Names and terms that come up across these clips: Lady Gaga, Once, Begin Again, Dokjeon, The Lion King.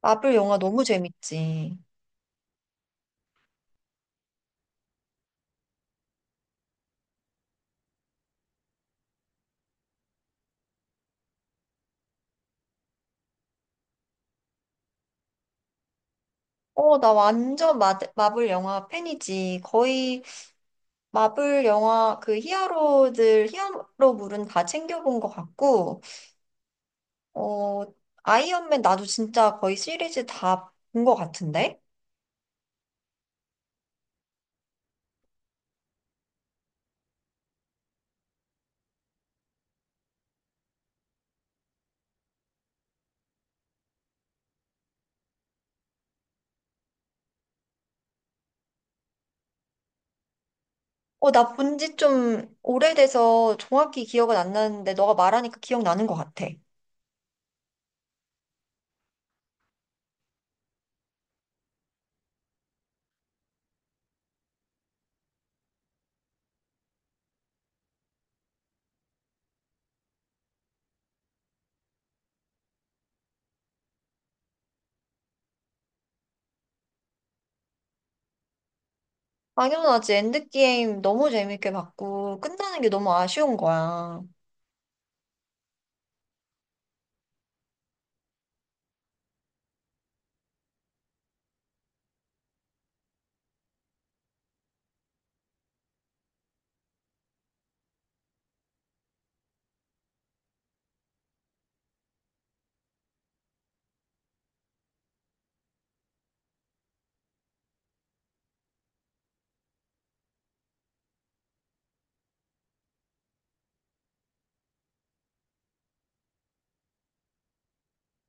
마블 영화 너무 재밌지. 나 완전 마블 영화 팬이지. 거의 마블 영화 그 히어로물은 다 챙겨본 것 같고, 어, 아이언맨 나도 진짜 거의 시리즈 다 본 것 같은데? 어, 나 본지 좀 오래돼서 정확히 기억은 안 나는데, 너가 말하니까 기억나는 것 같아. 당연하지. 엔드게임 너무 재밌게 봤고, 끝나는 게 너무 아쉬운 거야.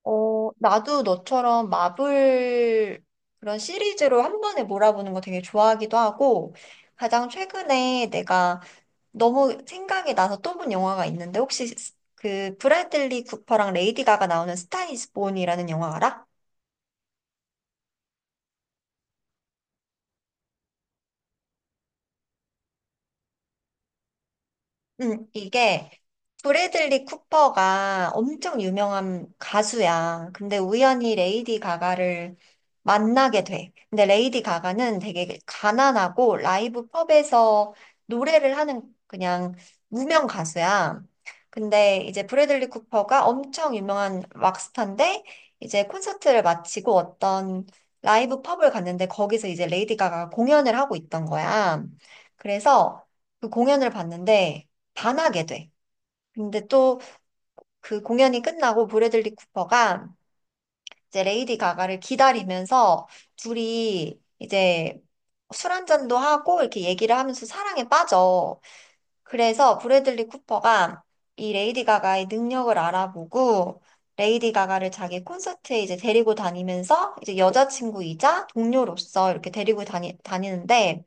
어, 나도 너처럼 마블 그런 시리즈로 한 번에 몰아보는 거 되게 좋아하기도 하고, 가장 최근에 내가 너무 생각이 나서 또 본 영화가 있는데, 혹시 그 브래들리 쿠퍼랑 레이디 가가 나오는 스타 이즈 본이라는 영화 알아? 이게 브래들리 쿠퍼가 엄청 유명한 가수야. 근데 우연히 레이디 가가를 만나게 돼. 근데 레이디 가가는 되게 가난하고 라이브 펍에서 노래를 하는 그냥 무명 가수야. 근데 이제 브래들리 쿠퍼가 엄청 유명한 락스타인데 이제 콘서트를 마치고 어떤 라이브 펍을 갔는데 거기서 이제 레이디 가가 공연을 하고 있던 거야. 그래서 그 공연을 봤는데 반하게 돼. 근데 또 그 공연이 끝나고 브래들리 쿠퍼가 이제 레이디 가가를 기다리면서 둘이 이제 술 한잔도 하고 이렇게 얘기를 하면서 사랑에 빠져. 그래서 브래들리 쿠퍼가 이 레이디 가가의 능력을 알아보고 레이디 가가를 자기 콘서트에 이제 데리고 다니면서 이제 여자친구이자 동료로서 이렇게 다니는데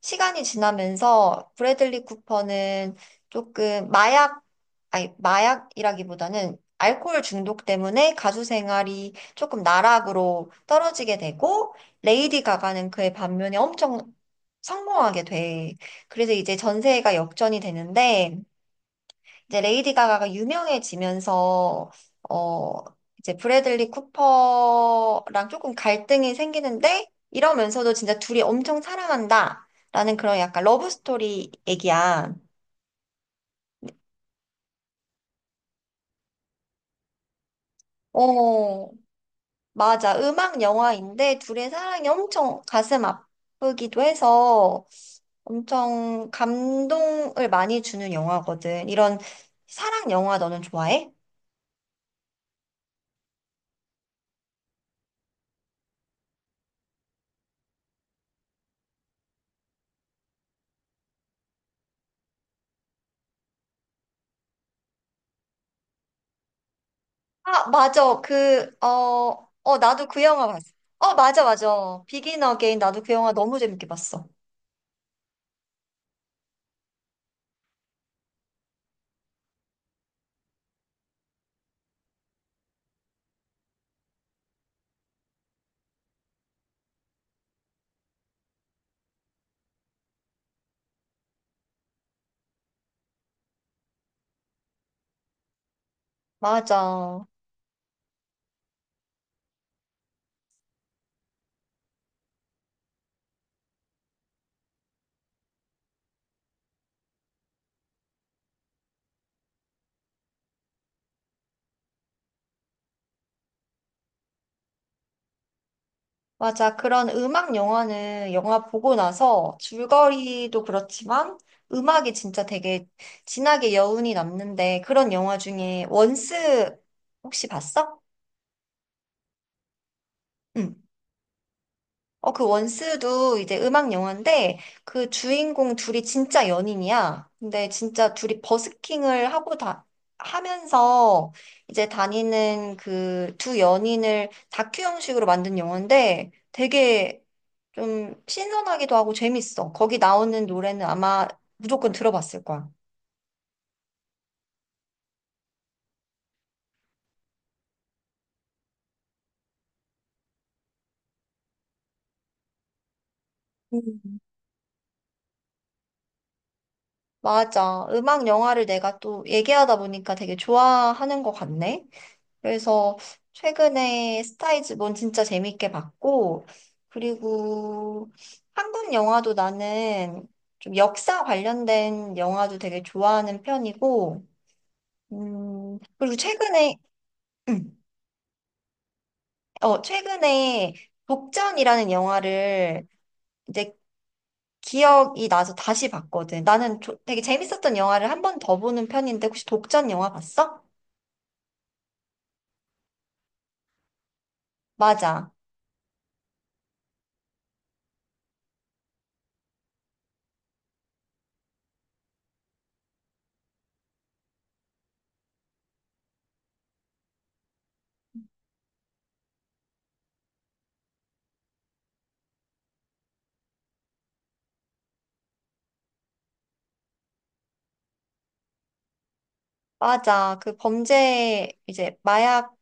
시간이 지나면서 브래들리 쿠퍼는 조금 마약 아니, 마약이라기보다는 알코올 중독 때문에 가수 생활이 조금 나락으로 떨어지게 되고, 레이디 가가는 그의 반면에 엄청 성공하게 돼. 그래서 이제 전세가 역전이 되는데, 이제 레이디 가가가 유명해지면서, 어, 이제 브래들리 쿠퍼랑 조금 갈등이 생기는데, 이러면서도 진짜 둘이 엄청 사랑한다. 라는 그런 약간 러브 스토리 얘기야. 어, 맞아. 음악 영화인데 둘의 사랑이 엄청 가슴 아프기도 해서 엄청 감동을 많이 주는 영화거든. 이런 사랑 영화 너는 좋아해? 아, 맞아. 나도 그 영화 봤어. 어, 맞아, 맞아. 비긴 어게인 나도 그 영화 너무 재밌게 봤어. 맞아. 맞아. 그런 음악 영화는 영화 보고 나서 줄거리도 그렇지만 음악이 진짜 되게 진하게 여운이 남는데 그런 영화 중에 원스 혹시 봤어? 응. 어, 그 원스도 이제 음악 영화인데 그 주인공 둘이 진짜 연인이야. 근데 진짜 둘이 버스킹을 하고 다 하면서 이제 다니는 그 두 연인을 다큐 형식으로 만든 영화인데 되게 좀 신선하기도 하고 재밌어. 거기 나오는 노래는 아마 무조건 들어봤을 거야. 음. 맞아. 음악 영화를 내가 또 얘기하다 보니까 되게 좋아하는 것 같네. 그래서 최근에 스타이즈본 진짜 재밌게 봤고, 그리고 한국 영화도 나는 좀 역사 관련된 영화도 되게 좋아하는 편이고, 그리고 최근에, 음, 어, 최근에 독전이라는 영화를 이제 기억이 나서 다시 봤거든. 나는 되게 재밌었던 영화를 한 번 더 보는 편인데, 혹시 독전 영화 봤어? 맞아. 맞아. 그 범죄, 이제 마약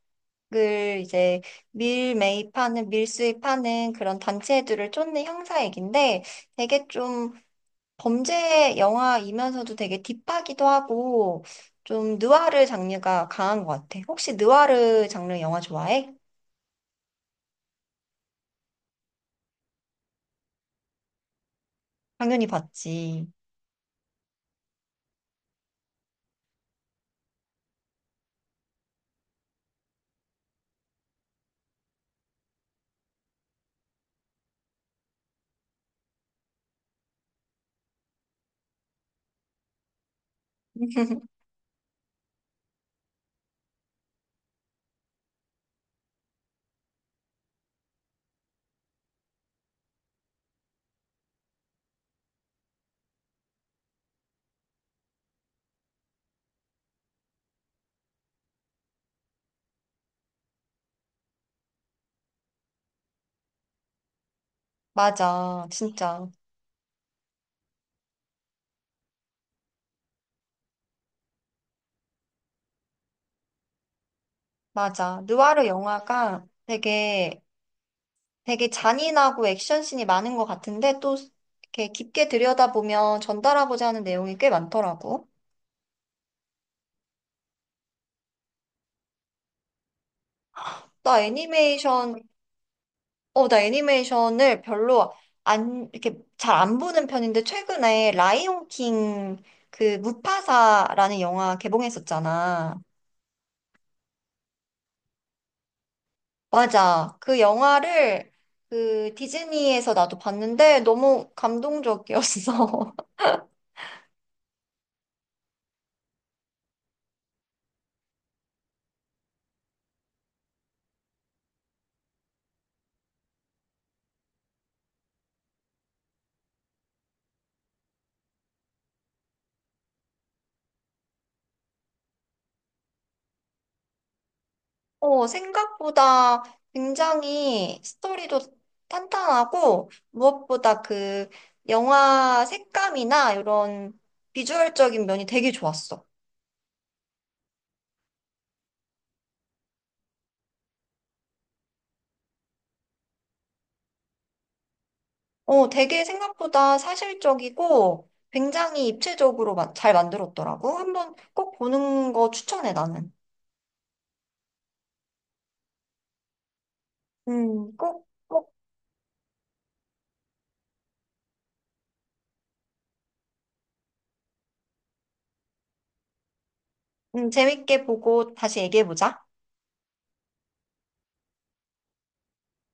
을 이제 밀 수입하는 그런 단체들을 쫓는 형사 얘긴데 되게 좀 범죄 영화이면서도 되게 딥하기도 하고 좀 느와르 장르가 강한 것 같아. 혹시 느와르 장르 영화 좋아해? 당연히 봤지. 맞아, 진짜. 맞아. 느와르 영화가 되게, 되게 잔인하고 액션씬이 많은 것 같은데, 또 이렇게 깊게 들여다보면 전달하고자 하는 내용이 꽤 많더라고. 나 애니메이션, 어, 나 애니메이션을 별로 안, 이렇게 잘 안 보는 편인데, 최근에 라이온 킹 그 무파사라는 영화 개봉했었잖아. 맞아. 그 영화를 그 디즈니에서 나도 봤는데 너무 감동적이었어. 어, 생각보다 굉장히 스토리도 탄탄하고, 무엇보다 그 영화 색감이나 이런 비주얼적인 면이 되게 좋았어. 어, 되게 생각보다 사실적이고 굉장히 입체적으로 잘 만들었더라고. 한번 꼭 보는 거 추천해, 나는. 꼭, 꼭, 재밌게 보고 다시 얘기해보자.